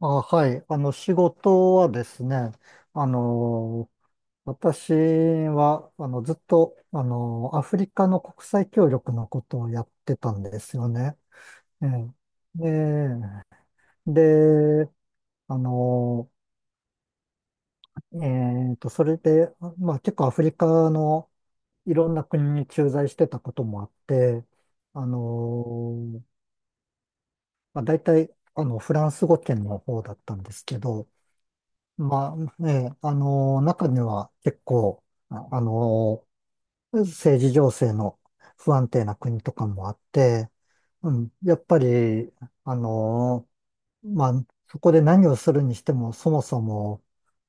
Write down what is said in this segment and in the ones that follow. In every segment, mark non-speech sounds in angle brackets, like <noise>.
はい。仕事はですね、あの、私は、ずっと、アフリカの国際協力のことをやってたんですよね。ええで、で、あの、それで、まあ、結構アフリカのいろんな国に駐在してたこともあって、あの、まあ、大体、フランス語圏の方だったんですけど、まあ、中には結構、ああの、政治情勢の不安定な国とかもあって、うん、やっぱり、あの、まあ、そこで何をするにしても、そもそも、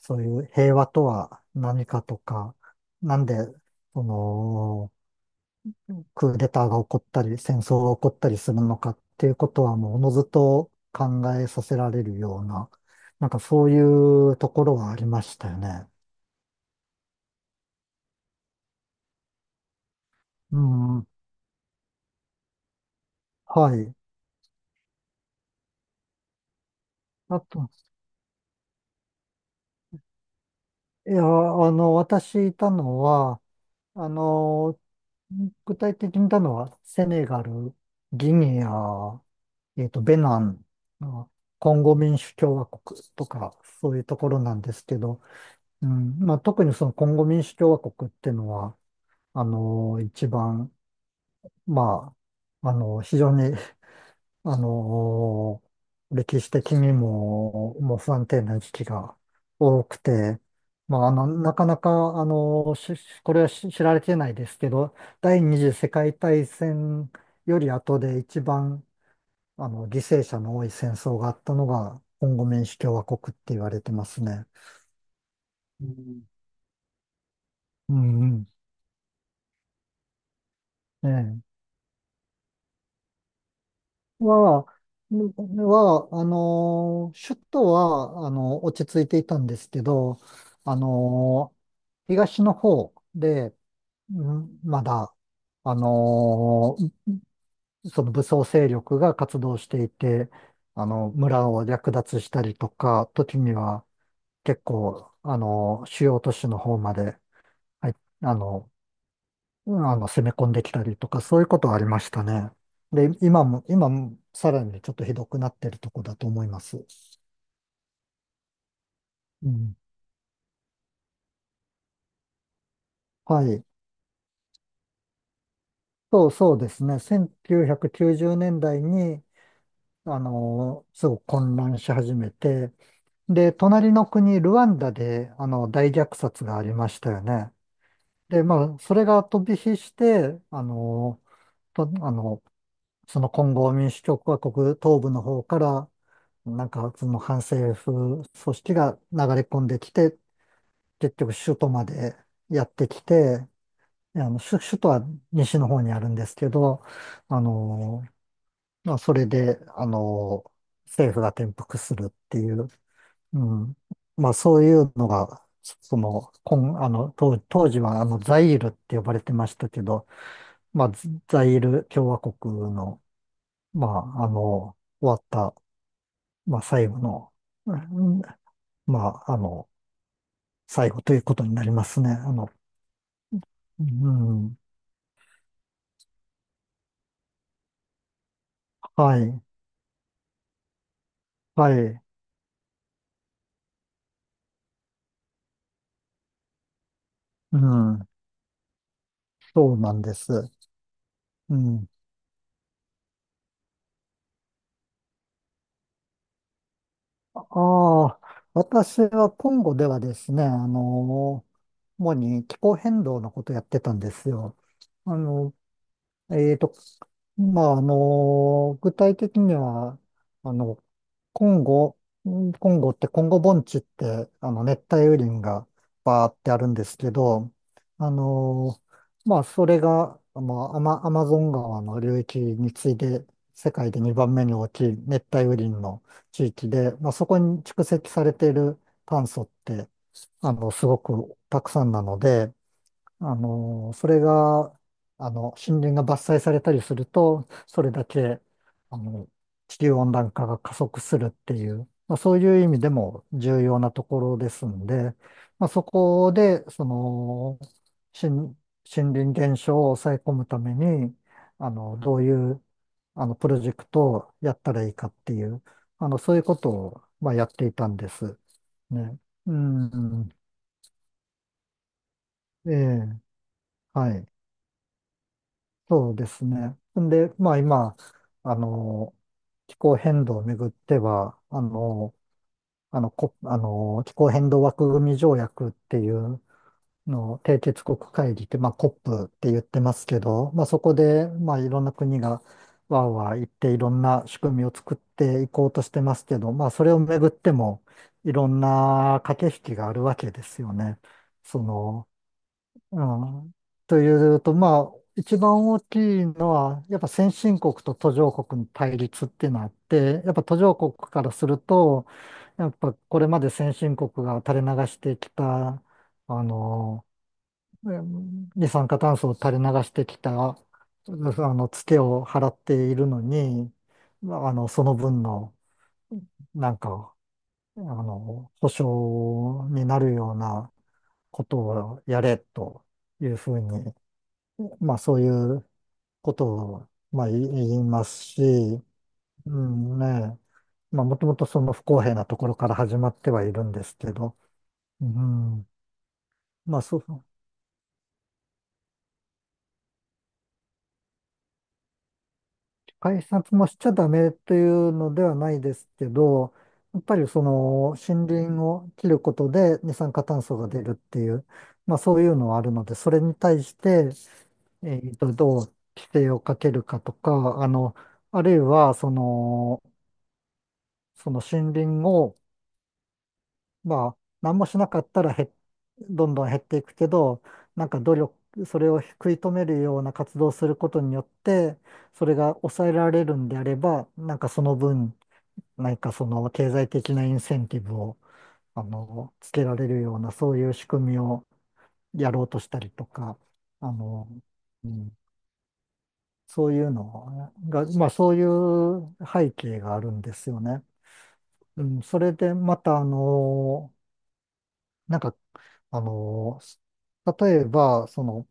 そういう平和とは何かとか、なんで、その、クーデターが起こったり、戦争が起こったりするのかっていうことはもうおのずと考えさせられるような、なんかそういうところはありましたよね。うん、はい。あと、いや、私いたのは、あの、具体的にいたのは、セネガル、ギニア、ベナン、あコンゴ民主共和国とか、そういうところなんですけど、うん、まあ、特にそのコンゴ民主共和国っていうのは、一番、まあ、非常に、<laughs> あの、歴史的にも、もう不安定な時期が多くて、まあ、なかなか、あの、しこれは知られてないですけど、第二次世界大戦より後で一番、犠牲者の多い戦争があったのが、コンゴ民主共和国って言われてますね。うんうんうん。ええは、首都は、落ち着いていたんですけど、あの東の方で、んまだ、あのその武装勢力が活動していて、村を略奪したりとか、時には結構、主要都市の方まで、はい、あの、攻め込んできたりとか、そういうことはありましたね。で、今も、今もさらにねちょっとひどくなってるとこだと思います。うん。はい。そうそうですね。1990年代に、すごく混乱し始めて、で、隣の国、ルワンダで、大虐殺がありましたよね。で、まあ、それが飛び火して、あの、と、あの、そのコンゴ民主共和国東部の方から、なんかその反政府組織が流れ込んできて、結局首都までやってきて、首都は西の方にあるんですけど、あの、まあ、それで、政府が転覆するっていう、うん、まあそういうのが、その、こん、あの、当、当時はザイールって呼ばれてましたけど、まあ、ザイール共和国の、まあ、あの、終わったまあ、最後の、うんまあ、最後ということになりますね。うん、はい、はい、うん、そうなんです。うん、ああ、私はコンゴではですね、主に気候変動のことやってたんですよ。あの、えーと、まあ、具体的には、あの、コンゴ、コンゴって、コンゴ盆地って、熱帯雨林がバーってあるんですけど、あの、まあ、それが、まあ、アマゾン川の流域に次いで、世界で2番目に大きい熱帯雨林の地域で、まあ、そこに蓄積されている炭素って、すごくたくさんなので、あの、それが、あの、森林が伐採されたりすると、それだけ、あの、地球温暖化が加速するっていう、まあ、そういう意味でも重要なところですんで、まあ、そこで、その、森、森林減少を抑え込むために、どういう、プロジェクトをやったらいいかっていう、そういうことを、まあ、やっていたんです。ね。うん。ええ。はい。そうですね。んで、まあ今、あの、気候変動をめぐっては、あの、あの、こ、あの、気候変動枠組み条約っていうのを締結国会議って、まあ COP って言ってますけど、まあそこで、まあいろんな国がわーわー言っていろんな仕組みを作っていこうとしてますけど、まあそれをめぐってもいろんな駆け引きがあるわけですよね。その、うん、というと、まあ、一番大きいのは、やっぱ先進国と途上国の対立っていうのがあって、やっぱ途上国からすると、やっぱこれまで先進国が垂れ流してきた、あの、うん二酸化炭素を垂れ流してきた、うんツケを払っているのに、まあその分の、なんか、保障になるようなことをやれというふうにまあそういうことを、まあ、言いますし、うんね、まあもともとその不公平なところから始まってはいるんですけど、うん、まあそう、改札もしちゃダメというのではないですけど、やっぱりその森林を切ることで二酸化炭素が出るっていう、まあそういうのはあるので、それに対して、どう規制をかけるかとか、あるいはその、その森林をまあ、何もしなかったらどんどん減っていくけど、なんか努力、それを食い止めるような活動をすることによって、それが抑えられるんであれば、なんかその分、何かその経済的なインセンティブを、つけられるような、そういう仕組みをやろうとしたりとか、あの、うん、そういうのが、まあそういう背景があるんですよね。うん、それでまた、なんかあの、例えば、その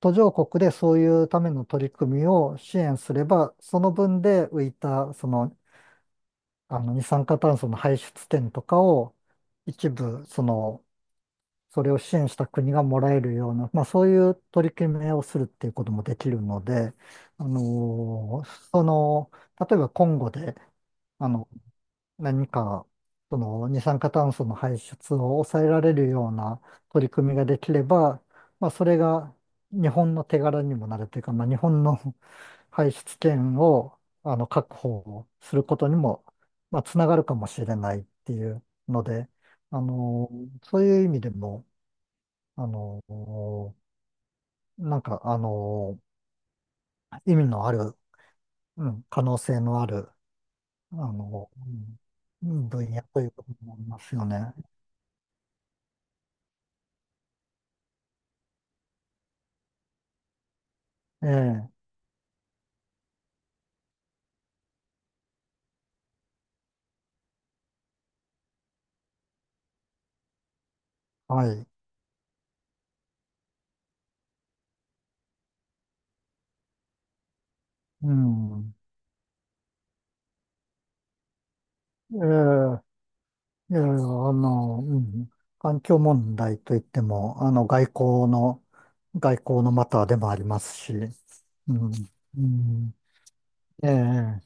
途上国でそういうための取り組みを支援すれば、その分で浮いた、二酸化炭素の排出点とかを一部、その、それを支援した国がもらえるような、まあそういう取り決めをするっていうこともできるので、あの、その、例えば今後で、あの、何か、その二酸化炭素の排出を抑えられるような取り組みができれば、まあ、それが日本の手柄にもなるというか、まあ、日本の <laughs> 排出権を確保することにも、まあ、つながるかもしれないっていうので、あの、そういう意味でも、あの、なんか、あの、意味のある、うん、可能性のある、あの、うん分野ということになりますよね。ええはい。うん。ええ、いやいや、の、うん、環境問題といっても、交の、外交のマターでもありますし、うん、うん、ええ、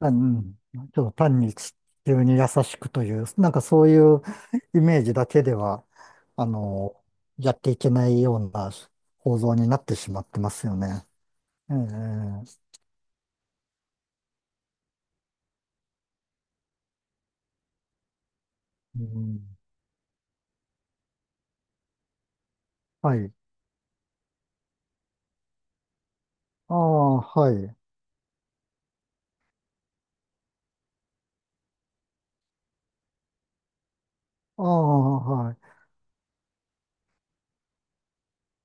ちょっと単に地球に優しくという、なんかそういうイメージだけでは、あの、やっていけないような構造になってしまってますよね。ええ、うん、はい。ああ、はい。ああ、はい。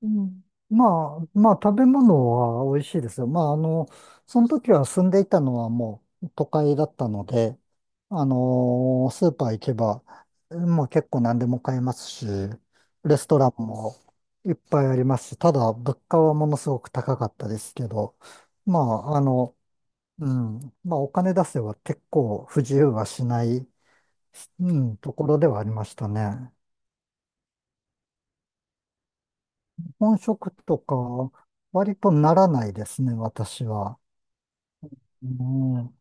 うん。ままあ、食べ物は美味しいですよ。まあ、その時は住んでいたのはもう都会だったので、スーパー行けば、もう結構何でも買えますし、レストランもいっぱいありますし、ただ物価はものすごく高かったですけど、まあ、あの、うん、まあ、お金出せば結構不自由はしない、うん、ところではありましたね。本職とか、割とならないですね、私は。うん、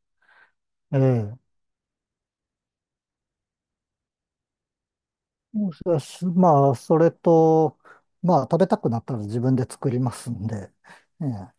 ええ。そうしまあ、それと、まあ、食べたくなったら自分で作りますんで、ええ